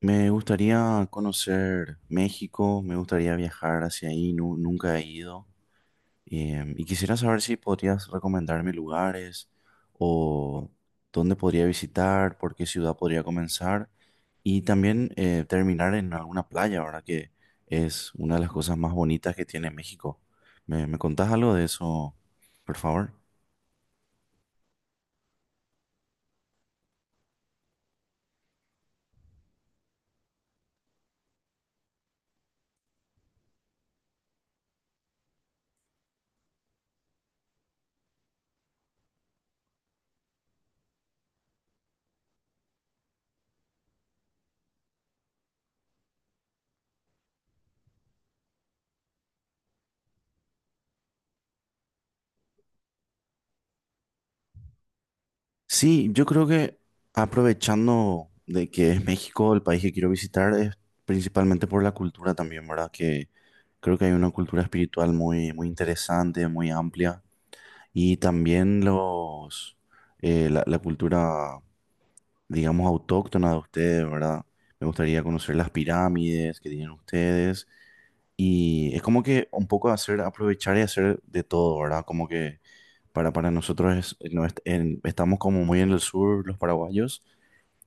Me gustaría conocer México, me gustaría viajar hacia ahí, nunca he ido. Y quisiera saber si podrías recomendarme lugares o dónde podría visitar, por qué ciudad podría comenzar y también terminar en alguna playa, ¿verdad? Que es una de las cosas más bonitas que tiene México. ¿Me contás algo de eso, por favor? Sí, yo creo que aprovechando de que es México el país que quiero visitar, es principalmente por la cultura también, ¿verdad? Que creo que hay una cultura espiritual muy, muy interesante, muy amplia. Y también la cultura, digamos, autóctona de ustedes, ¿verdad? Me gustaría conocer las pirámides que tienen ustedes. Y es como que un poco hacer, aprovechar y hacer de todo, ¿verdad? Como que para nosotros es- no, est- en- estamos como muy en el sur, los paraguayos.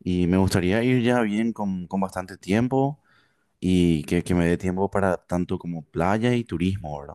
Y me gustaría ir ya bien con bastante tiempo y que me dé tiempo para tanto como playa y turismo, ¿verdad?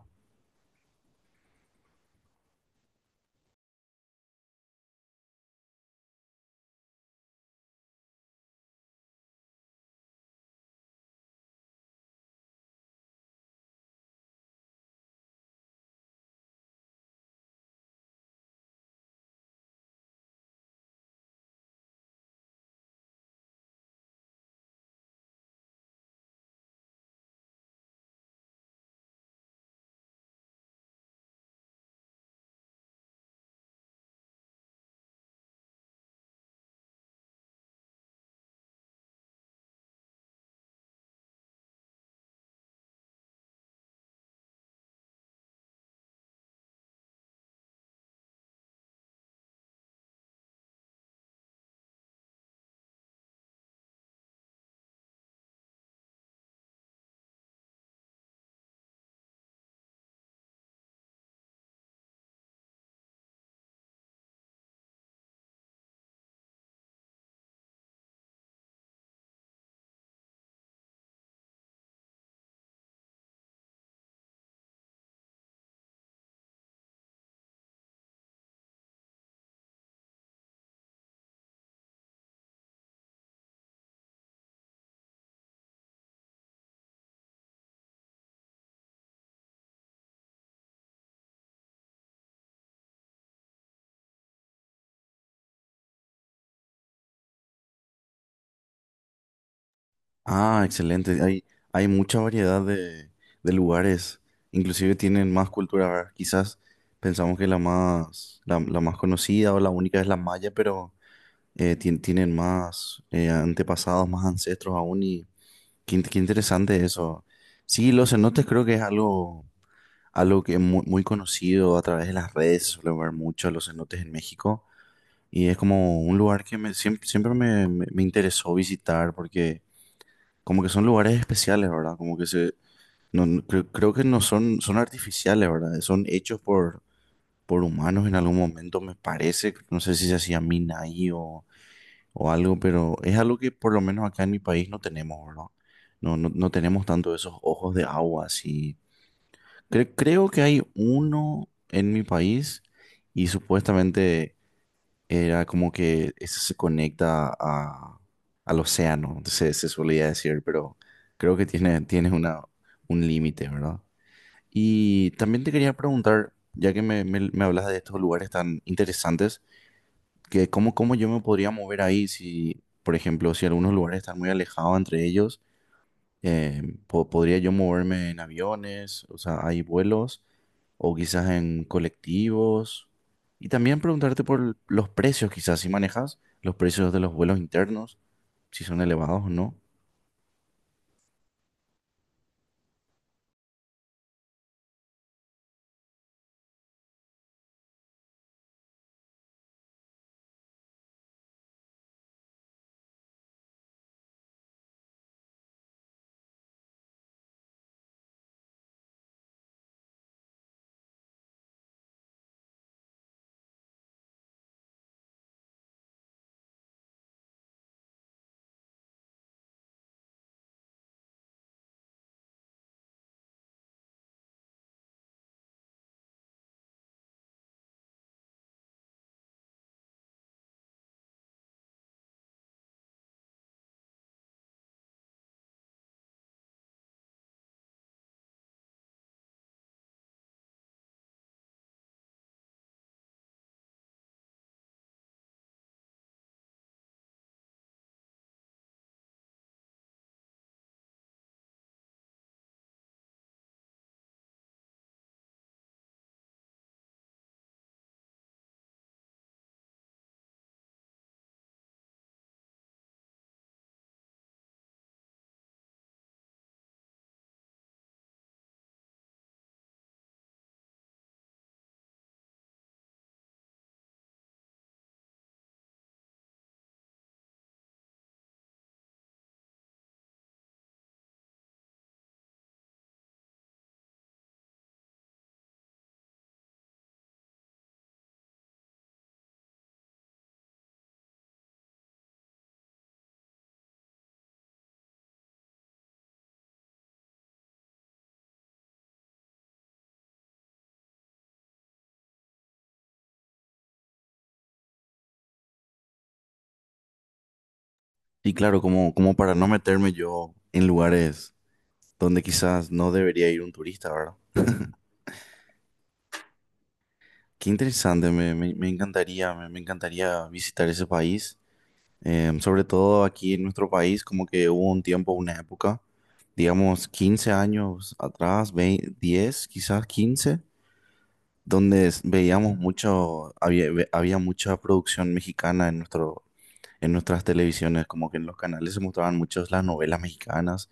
Ah, excelente. Hay mucha variedad de lugares. Inclusive tienen más cultura, ¿verdad? Quizás pensamos que la más conocida o la única es la maya, pero tienen más antepasados, más ancestros aún. Y qué interesante eso. Sí, los cenotes creo que es algo que es muy, muy conocido a través de las redes, se suele ver mucho a los cenotes en México y es como un lugar que siempre, siempre me interesó visitar porque como que son lugares especiales, ¿verdad? Como que se, no, no- creo, creo que no son, son artificiales, ¿verdad? Son hechos por humanos en algún momento, me parece, no sé si se hacía mina ahí o algo, pero es algo que por lo menos acá en mi país no tenemos, ¿verdad? No, no tenemos tanto esos ojos de agua así. Creo que hay uno en mi país y supuestamente era como que eso se conecta al océano, se solía decir, pero creo que tiene un límite, ¿verdad? Y también te quería preguntar, ya que me hablas de estos lugares tan interesantes, que cómo yo me podría mover ahí si, por ejemplo, si algunos lugares están muy alejados entre ellos, eh, ¿podría yo moverme en aviones? O sea, ¿hay vuelos? O quizás en colectivos. Y también preguntarte por los precios, quizás si manejas los precios de los vuelos internos, si son elevados o no. Y claro, como para no meterme yo en lugares donde quizás no debería ir un turista, ¿verdad? Qué interesante, me encantaría visitar ese país. Sobre todo aquí en nuestro país, como que hubo un tiempo, una época, digamos 15 años atrás, 2010, quizás quince, veíamos mucho, había mucha producción mexicana en en nuestras televisiones, como que en los canales se mostraban muchas las novelas mexicanas.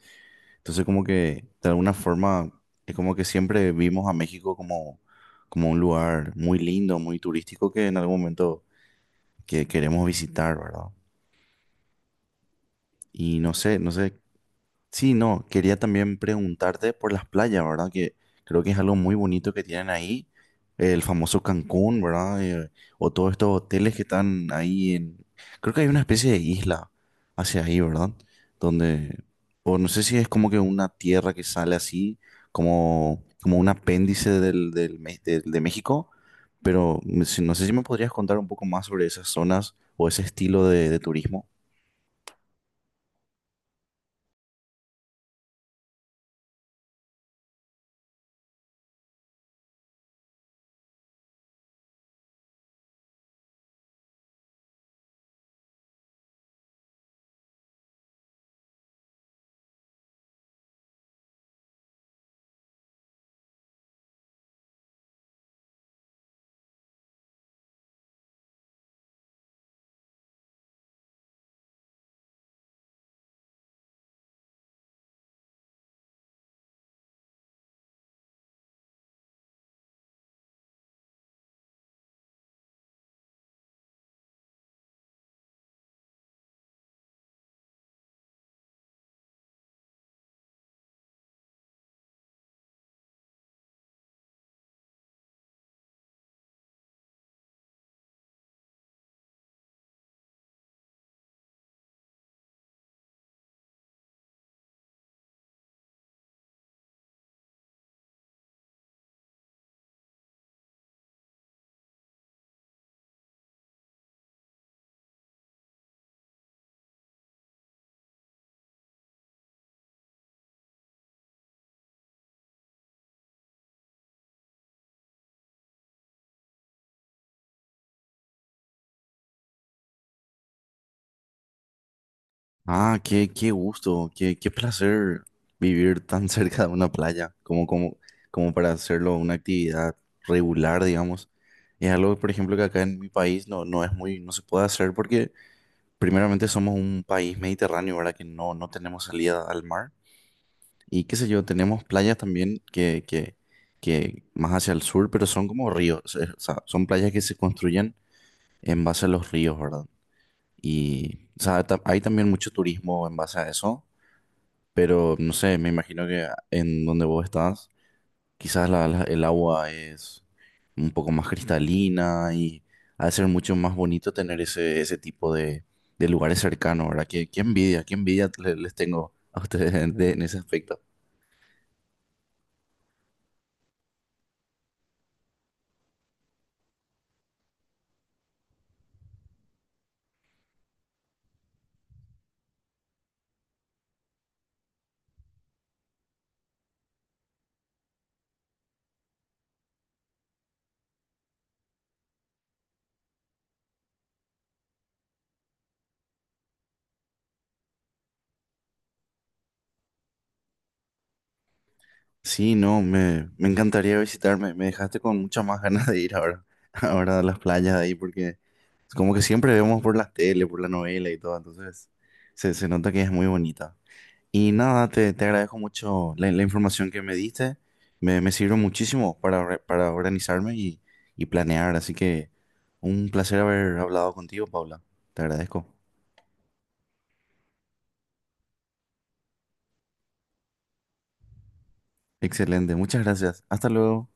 Entonces como que de alguna forma es como que siempre vimos a México como un lugar muy lindo, muy turístico que en algún momento que queremos visitar, ¿verdad? Y no sé, sí, no, quería también preguntarte por las playas, ¿verdad? Que creo que es algo muy bonito que tienen ahí, el famoso Cancún, ¿verdad? O todos estos hoteles que están ahí en... Creo que hay una especie de isla hacia ahí, ¿verdad? Donde... O no sé si es como que una tierra que sale así, como un apéndice de México, pero no sé si me podrías contar un poco más sobre esas zonas o ese estilo de turismo. Ah, qué gusto, qué placer vivir tan cerca de una playa, como para hacerlo una actividad regular, digamos. Es algo, por ejemplo, que acá en mi país no es muy, no se puede hacer porque primeramente somos un país mediterráneo, ¿verdad? Que no tenemos salida al mar. Y qué sé yo, tenemos playas también que más hacia el sur, pero son como ríos, o sea, son playas que se construyen en base a los ríos, ¿verdad? Y, o sea, hay también mucho turismo en base a eso, pero no sé, me imagino que en donde vos estás, quizás el agua es un poco más cristalina y ha de ser mucho más bonito tener ese tipo de lugares cercanos, ¿verdad? Qué envidia, qué envidia les tengo a ustedes en, en ese aspecto. Sí, no, me encantaría visitarme. Me dejaste con muchas más ganas de ir ahora, ahora a las playas de ahí, porque es como que siempre vemos por las tele, por la novela y todo, entonces se nota que es muy bonita. Y nada, te agradezco mucho la información que me diste. Me sirve muchísimo para, para organizarme y planear. Así que un placer haber hablado contigo, Paula. Te agradezco. Excelente. Muchas gracias. Hasta luego.